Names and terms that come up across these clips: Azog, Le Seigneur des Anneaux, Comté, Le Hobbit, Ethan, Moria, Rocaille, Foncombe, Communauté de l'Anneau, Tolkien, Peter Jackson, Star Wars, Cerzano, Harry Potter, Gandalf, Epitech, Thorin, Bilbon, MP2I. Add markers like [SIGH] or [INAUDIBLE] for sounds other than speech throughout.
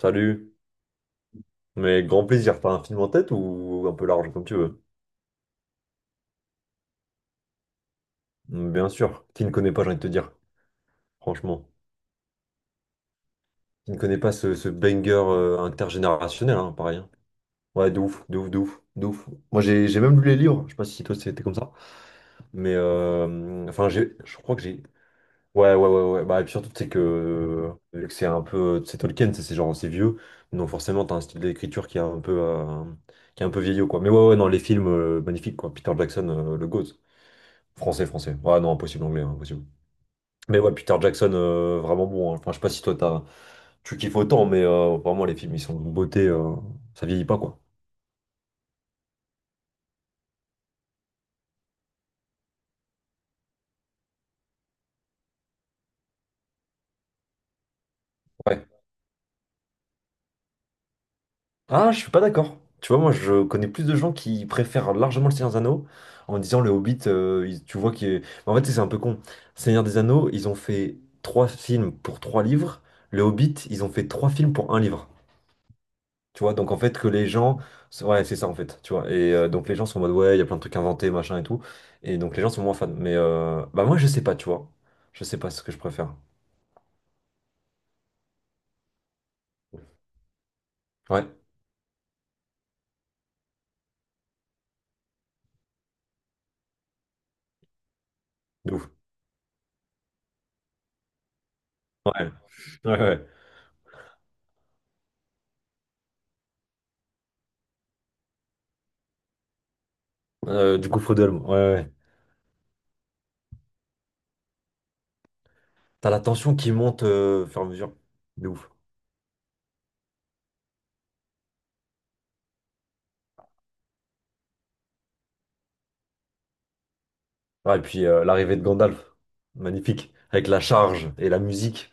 Salut, mais grand plaisir, t'as un film en tête ou un peu large comme tu veux? Bien sûr, qui ne connaît pas, j'ai envie de te dire, franchement. Qui ne connaît pas ce banger intergénérationnel, hein, pareil, hein. Ouais, de ouf, de ouf, de ouf, de ouf. Moi j'ai même lu les livres, je sais pas si toi c'était comme ça, mais enfin j'ai, je crois que j'ai. Ouais, ouais, ouais, ouais. Bah, et puis surtout, c'est que, vu que c'est un peu. C'est Tolkien, c'est genre, c'est vieux, donc forcément t'as un style d'écriture qui est un peu, qui est un peu vieillot, quoi. Mais ouais, ouais, non, les films magnifiques, quoi. Peter Jackson, le GOAT. Français, français. Ouais non, impossible anglais, hein, impossible. Mais ouais, Peter Jackson, vraiment bon, hein. Enfin, je sais pas si toi t'as, tu kiffes autant, mais vraiment, les films, ils sont de beauté, ça vieillit pas, quoi. Ouais. Ah, je suis pas d'accord. Tu vois, moi, je connais plus de gens qui préfèrent largement Le Seigneur des Anneaux en disant Le Hobbit, tu vois, qui est. En fait, c'est un peu con. Seigneur des Anneaux, ils ont fait trois films pour trois livres. Le Hobbit, ils ont fait trois films pour un livre. Tu vois, donc en fait, que les gens. Ouais, c'est ça en fait, tu vois. Et donc les gens sont en mode, ouais, il y a plein de trucs inventés, machin et tout. Et donc les gens sont moins fans. Mais bah moi, je sais pas, tu vois. Je sais pas ce que je préfère. Ouais, de ouf. Ouais, ouais, ouais. Du gouffre d'Elm, ouais, ouais, ouais. T'as la tension qui monte au fur et à mesure. De ouf. Ouais, et puis l'arrivée de Gandalf, magnifique. Avec la charge et la musique.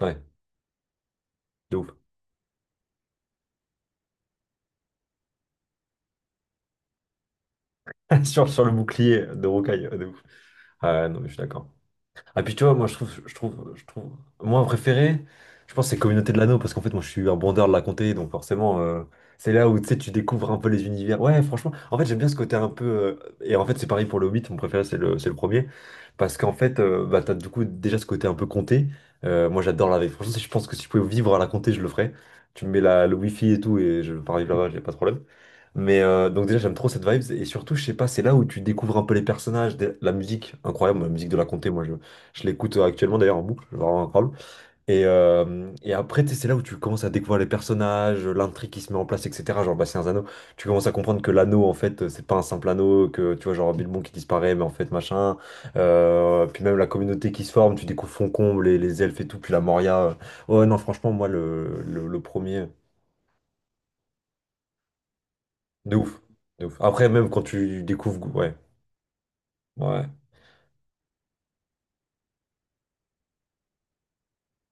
Ouais, de ouf. [LAUGHS] Sur le bouclier de Rocaille, ouais, de ouf. Ah non, mais je suis d'accord. Ah puis tu vois, moi je trouve, je trouve, je trouve, moi préféré, je pense que c'est Communauté de l'Anneau parce qu'en fait moi je suis un bandeur de la Comté, donc forcément c'est là où tu sais tu découvres un peu les univers. Ouais, franchement, en fait j'aime bien ce côté un peu, et en fait c'est pareil pour le Hobbit, mon préféré c'est le premier parce qu'en fait bah t'as du coup déjà ce côté un peu Comté. Moi j'adore la vie. Franchement, si je pense que si je pouvais vivre à la Comté, je le ferais. Tu me mets le wifi et tout et je pars vivre là-bas, j'ai pas de problème. Mais donc déjà j'aime trop cette vibe, et surtout je sais pas, c'est là où tu découvres un peu les personnages, la musique incroyable, la musique de la comté. Moi je l'écoute actuellement d'ailleurs en boucle, vraiment incroyable. Et, et après, tu c'est là où tu commences à découvrir les personnages, l'intrigue qui se met en place, etc. Genre, bah, c'est un anneau. Tu commences à comprendre que l'anneau, en fait, c'est pas un simple anneau, que tu vois, genre Bilbon qui disparaît, mais en fait, machin. Puis même la communauté qui se forme, tu découvres Foncombe, les elfes et tout, puis la Moria. Ouais, non, franchement, moi, le premier, de ouf, de ouf. Après, même quand tu découvres, ouais, ouais.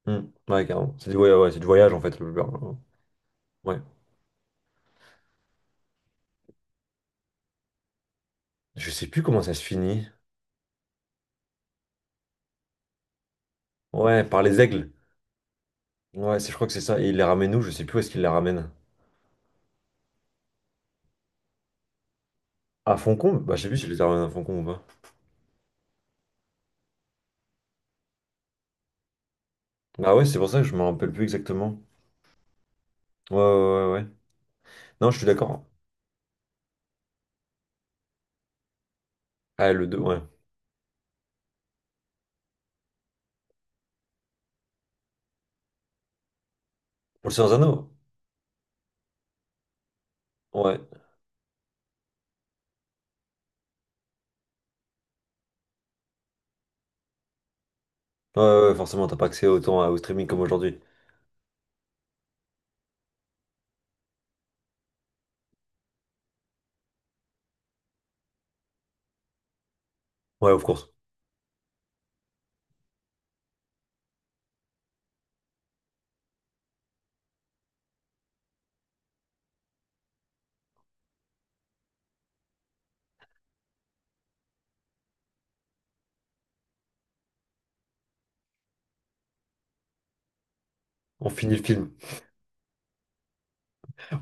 Hmm, ouais, carrément. Ouais, ouais, c'est du voyage, en fait, le Blue Bird. Ouais. Je sais plus comment ça se finit. Ouais, par les aigles. Ouais, je crois que c'est ça. Et il les ramène où? Je sais plus où est-ce qu'il les ramène. À Foncombe? Bah, je sais plus s'il les ramène à Foncombe ou pas. Ah ouais, c'est pour ça que je me rappelle plus exactement. Ouais, ouais, ouais, ouais. Non, je suis d'accord, hein. Ah, le deux ouais. Pour le Seigneur des Anneaux? Ouais. Ouais, ouais, ouais, forcément, t'as pas accès autant au streaming comme aujourd'hui. Ouais, of course. On finit le film.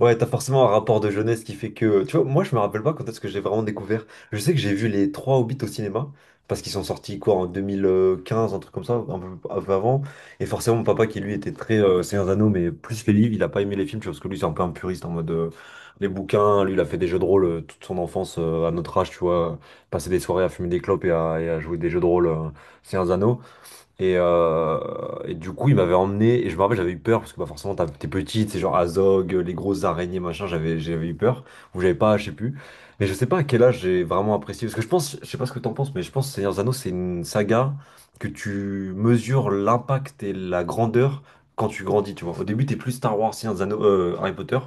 Ouais, t'as forcément un rapport de jeunesse qui fait que, tu vois, moi, je me rappelle pas quand est-ce que j'ai vraiment découvert. Je sais que j'ai vu les trois Hobbits au cinéma, parce qu'ils sont sortis, quoi, en 2015, un truc comme ça, un peu avant. Et forcément, mon papa, qui lui était très Seigneur des Anneaux, mais plus les livres, il a pas aimé les films, tu vois, parce que lui, c'est un peu un puriste, en mode, les bouquins, lui, il a fait des jeux de rôle toute son enfance, à notre âge, tu vois. Passer des soirées à fumer des clopes et à jouer des jeux de rôle, Seigneur des Anneaux. Et, euh, et du coup, il m'avait emmené, et je me rappelle, j'avais eu peur, parce que bah, forcément, t'es petite, c'est genre Azog, les grosses araignées, machin, j'avais eu peur, ou j'avais pas, je sais plus. Mais je sais pas à quel âge j'ai vraiment apprécié, parce que je pense, je sais pas ce que t'en penses, mais je pense que Seigneur des Anneaux, c'est une saga que tu mesures l'impact et la grandeur quand tu grandis, tu vois. Au début, t'es plus Star Wars, Seigneur des Anneaux, Harry Potter,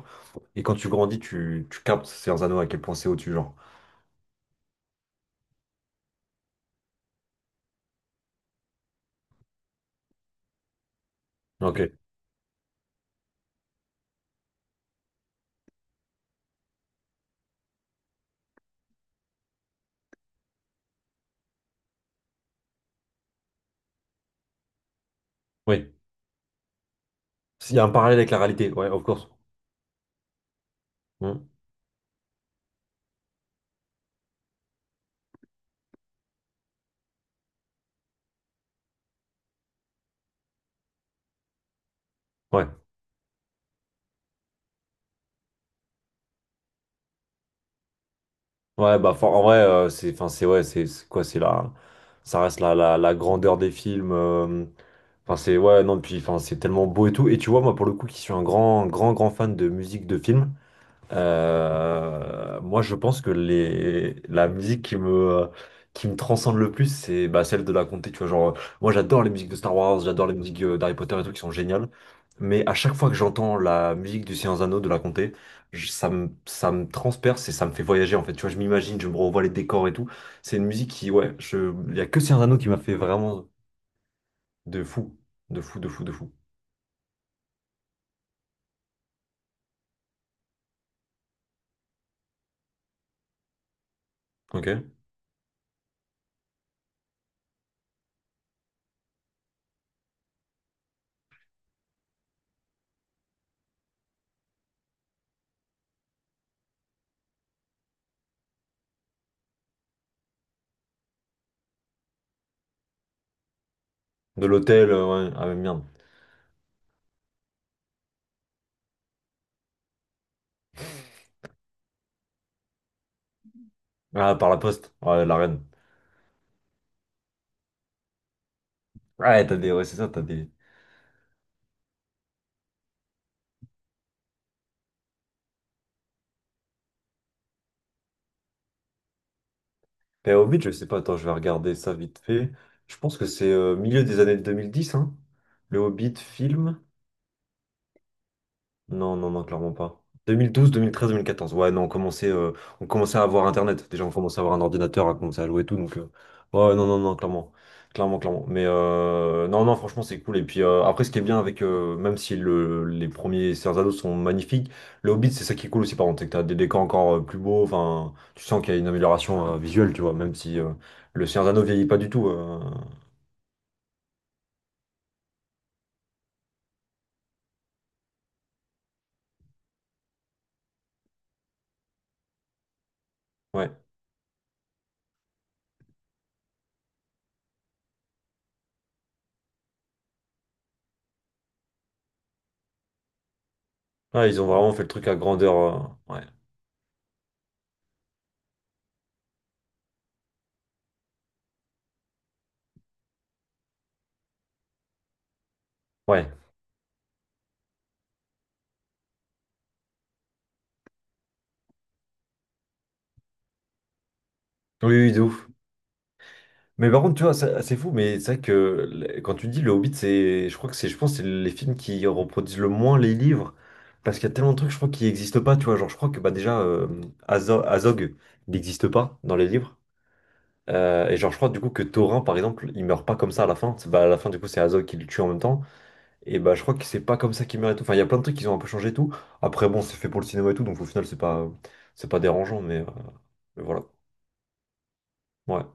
et quand tu grandis, tu captes Seigneur des Anneaux à quel point c'est au-dessus, genre. Ok, oui. Il y a un parallèle avec la réalité, ouais, of course. Hmm. Ouais. Ouais, bah en vrai, c'est enfin c'est ouais, c'est quoi, c'est la ça reste la grandeur des films, enfin c'est ouais, non, puis enfin c'est tellement beau et tout, et tu vois moi pour le coup qui suis un grand grand grand fan de musique de film, moi, je pense que les, la musique qui me, transcende le plus, c'est bah, celle de la comté. Tu vois, genre, moi, j'adore les musiques de Star Wars, j'adore les musiques d'Harry Potter et tout qui sont géniales. Mais à chaque fois que j'entends la musique du Seigneur des Anneaux de la comté, ça me transperce et ça me fait voyager en fait. Tu vois, je m'imagine, je me revois les décors et tout. C'est une musique qui, ouais, je, il y a que Seigneur des Anneaux qui m'a fait vraiment de fou, de fou, de fou, de fou. Ok? De l'hôtel, ouais, ah, merde. Ah, par la poste, ouais, la reine. Ah, t'as des, ouais, c'est ça, t'as des. Les Hobbit je sais pas, attends, je vais regarder ça vite fait. Je pense que c'est milieu des années 2010, hein. Le Hobbit film. Non, non, non, clairement pas. Deux mille douze, 2013, 2014. Ouais, non, on commençait à avoir Internet. Déjà, on commençait à avoir un ordinateur, à commencer à louer et tout. Donc, ouais, non, non, non, clairement. Clairement, clairement. Mais non, non, franchement, c'est cool. Et puis après, ce qui est bien avec, même si les premiers Cerzano sont magnifiques, le Hobbit, c'est ça qui est cool aussi, par contre. C'est que t'as des décors encore plus beaux. Enfin, tu sens qu'il y a une amélioration visuelle, tu vois, même si le Cerzano vieillit pas du tout, ouais. Ouais, ils ont vraiment fait le truc à grandeur, ouais. Ouais. Oui, oui, de ouf. Mais par contre, tu vois, c'est fou, mais c'est vrai que quand tu dis Le Hobbit, c'est, je crois que c'est, je pense, que c'est les films qui reproduisent le moins les livres, parce qu'il y a tellement de trucs, je crois, qui n'existent pas, tu vois. Genre, je crois que bah déjà, Azog, il n'existe pas dans les livres. Et genre, je crois du coup que Thorin, par exemple, il meurt pas comme ça à la fin. Bah, à la fin, du coup, c'est Azog qui le tue en même temps. Et bah, je crois que c'est pas comme ça qu'il meurt et tout. Enfin, il y a plein de trucs qui ont un peu changé et tout. Après, bon, c'est fait pour le cinéma et tout, donc au final, c'est pas, dérangeant, mais voilà. Ouais.